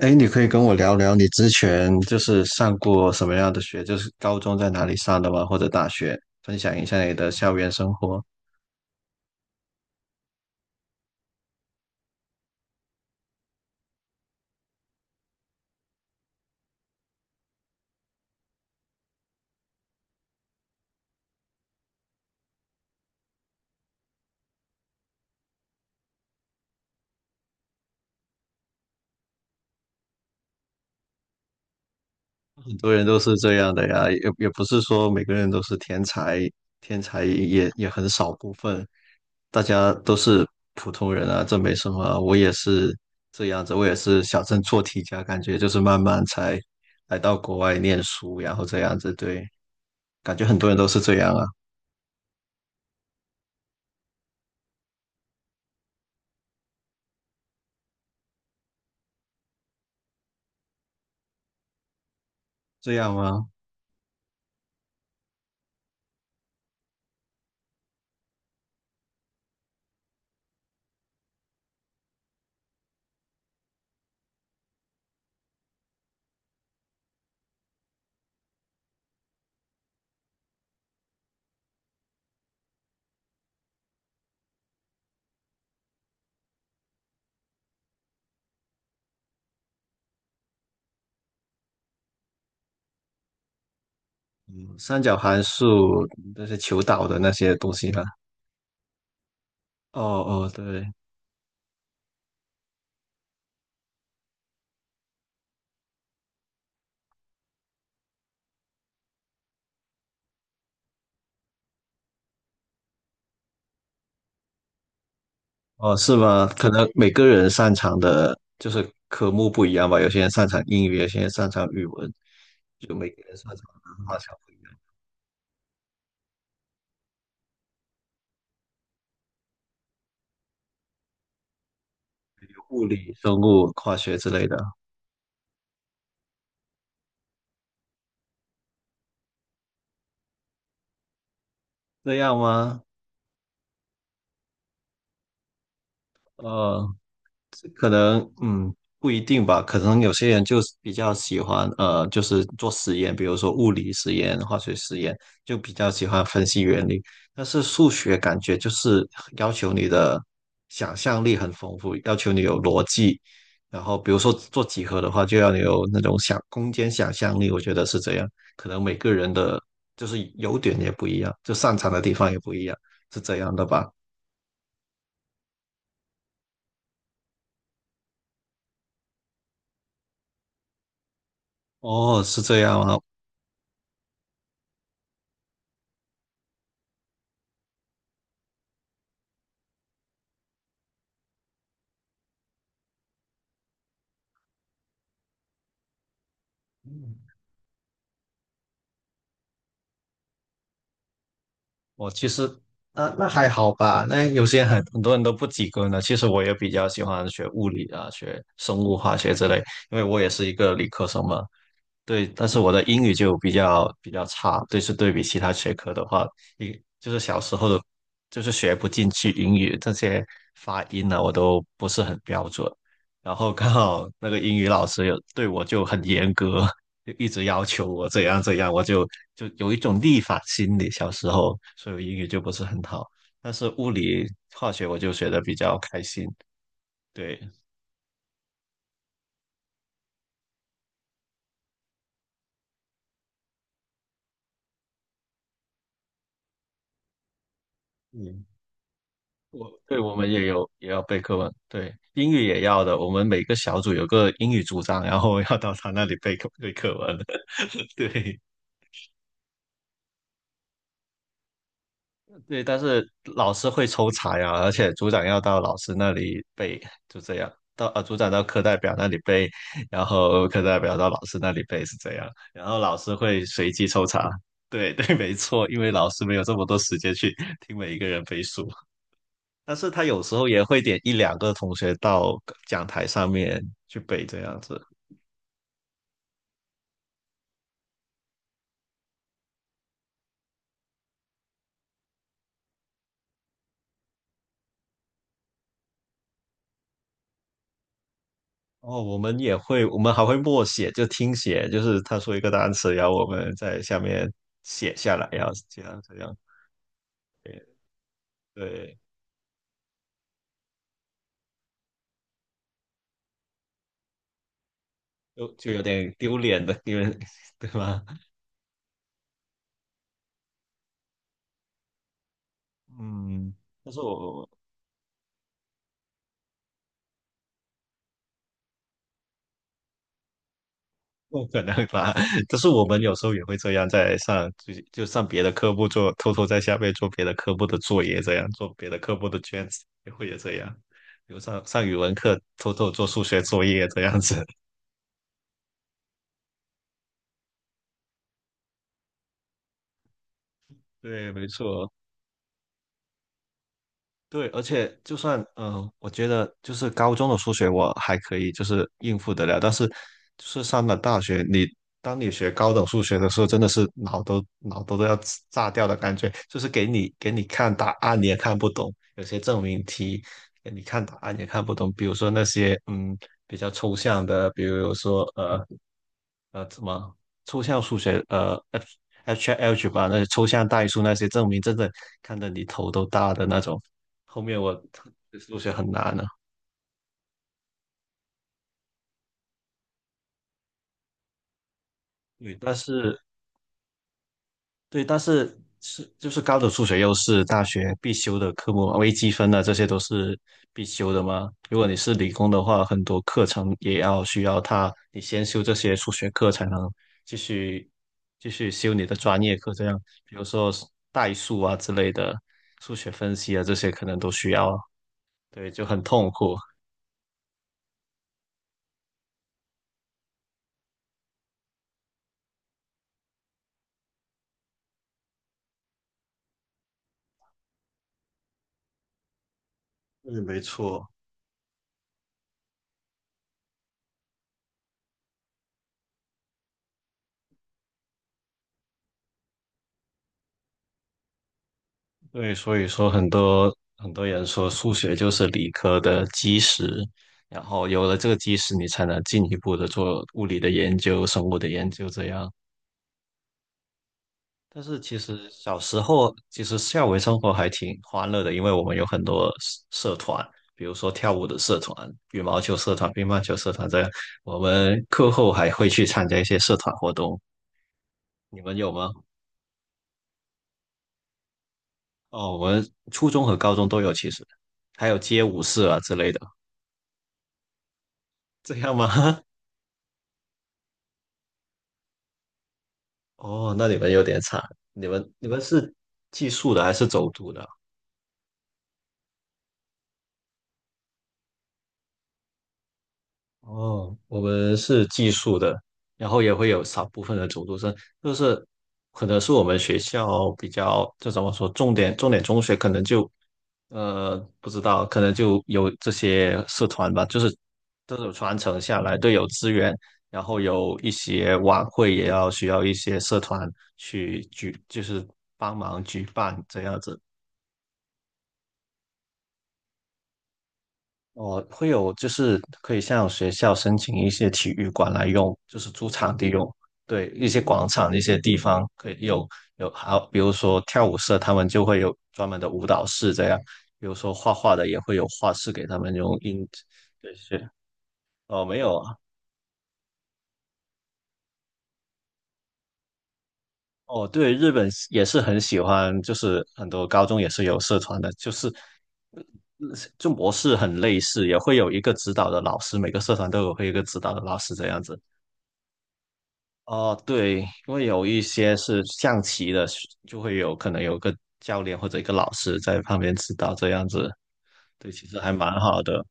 哎，你可以跟我聊聊你之前就是上过什么样的学，就是高中在哪里上的吗？或者大学，分享一下你的校园生活。很多人都是这样的呀，也不是说每个人都是天才，天才也很少部分，大家都是普通人啊，这没什么啊。我也是这样子，我也是小镇做题家，感觉就是慢慢才来到国外念书，然后这样子，对，感觉很多人都是这样啊，这样吗？三角函数那些求导的那些东西啦。哦哦，对，哦是吗？可能每个人擅长的就是科目不一样吧，有些人擅长英语，有些人擅长语文，就每个人擅长的话，像物理、生物、化学之类的，这样吗？哦。可能不一定吧，可能有些人就是比较喜欢就是做实验，比如说物理实验、化学实验，就比较喜欢分析原理。但是数学感觉就是要求你的想象力很丰富，要求你有逻辑。然后比如说做几何的话，就要你有那种想空间想象力，我觉得是这样。可能每个人的就是优点也不一样，就擅长的地方也不一样，是这样的吧？哦，是这样啊，我其实那还好吧，那有些很多人都不及格呢。其实我也比较喜欢学物理啊，学生物化学之类，因为我也是一个理科生嘛。对，但是我的英语就比较差，对，是对比其他学科的话，一就是小时候的，就是学不进去英语这些发音呢、我都不是很标准。然后刚好那个英语老师有对我就很严格，就一直要求我怎样怎样，我就有一种逆反心理。小时候，所以我英语就不是很好，但是物理、化学我就学的比较开心。对，嗯。我对我们也有也要背课文，对，英语也要的。我们每个小组有个英语组长，然后要到他那里背课文。对对，但是老师会抽查呀，而且组长要到老师那里背，就这样。组长到课代表那里背，然后课代表到老师那里背是这样，然后老师会随机抽查。对 对，没错，因为老师没有这么多时间去听每一个人背书。但是他有时候也会点一两个同学到讲台上面去背这样子。哦，我们也会，我们还会默写，就听写，就是他说一个单词，然后我们在下面写下来，然后这样，对对，就有点丢脸的，因为 对吧？嗯，但是我不可能吧？就是我们有时候也会这样，在上就就上别的科目做，偷偷在下面做别的科目的作业，这样做别的科目的卷子，也会也这样。比如上语文课，偷偷做数学作业这样子。对，没错。对，而且就算我觉得就是高中的数学我还可以，就是应付得了，但是就是上了大学，当你学高等数学的时候，真的是脑都要炸掉的感觉，就是给你看答案你也看不懂，有些证明题给你看答案也看不懂，比如说那些比较抽象的，比如说怎么抽象数学HH 吧，那些抽象代数那些证明，真的看得你头都大的那种。后面我数学很难了，对，但是对，但是就是高等数学又是大学必修的科目，微积分啊这些都是必修的嘛。如果你是理工的话，很多课程也要需要它，你先修这些数学课才能继续继续修你的专业课。这样，比如说代数啊之类的，数学分析啊这些可能都需要。对，就很痛苦。对，没错。对，所以说很多很多人说数学就是理科的基石，然后有了这个基石，你才能进一步的做物理的研究、生物的研究这样。但是其实小时候，其实校园生活还挺欢乐的，因为我们有很多社团，比如说跳舞的社团、羽毛球社团、乒乓球社团这样。我们课后还会去参加一些社团活动，你们有吗？哦，我们初中和高中都有，其实还有街舞社啊之类的，这样吗？哦，那你们有点惨，你们是寄宿的还是走读的？哦，我们是寄宿的，然后也会有少部分的走读生，就是可能是我们学校比较，这怎么说，重点中学可能就，不知道，可能就有这些社团吧，就是这种传承下来都有资源，然后有一些晚会也要需要一些社团就是帮忙举办这样子。哦，会有就是可以向学校申请一些体育馆来用，就是租场地用。对，一些广场、一些地方可以有,好，比如说跳舞社，他们就会有专门的舞蹈室这样。比如说画画的也会有画室给他们用印。对，是。哦，没有啊。哦，对，日本也是很喜欢，就是很多高中也是有社团的，就是呃就模式很类似，也会有一个指导的老师，每个社团会有一个指导的老师这样子。哦，对，因为有一些是象棋的，就会有可能有个教练或者一个老师在旁边指导这样子。对，其实还蛮好的。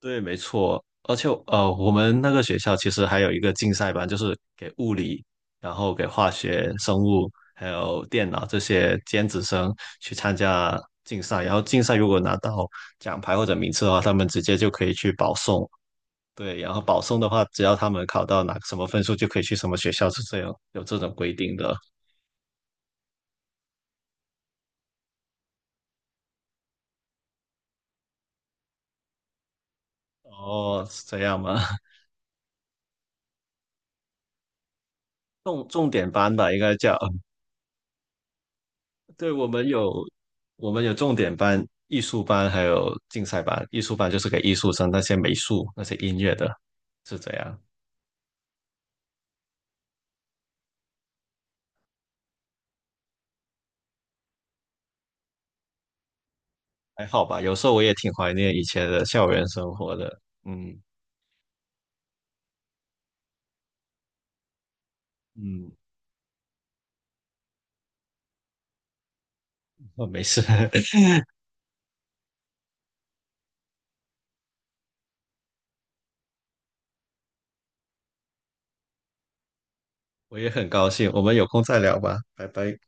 对，没错。而且我们那个学校其实还有一个竞赛班，就是给物理，然后给化学、生物还有电脑这些尖子生去参加竞赛。然后竞赛如果拿到奖牌或者名次的话，他们直接就可以去保送，对，然后保送的话，只要他们考到哪个什么分数，就可以去什么学校，是这样，有这种规定的。哦，是这样吗？重点班吧，应该叫。对，我们有重点班、艺术班，还有竞赛班。艺术班就是给艺术生，那些美术、那些音乐的，是这样。还好吧，有时候我也挺怀念以前的校园生活的。嗯嗯，哦，没事，我也很高兴。我们有空再聊吧，拜拜。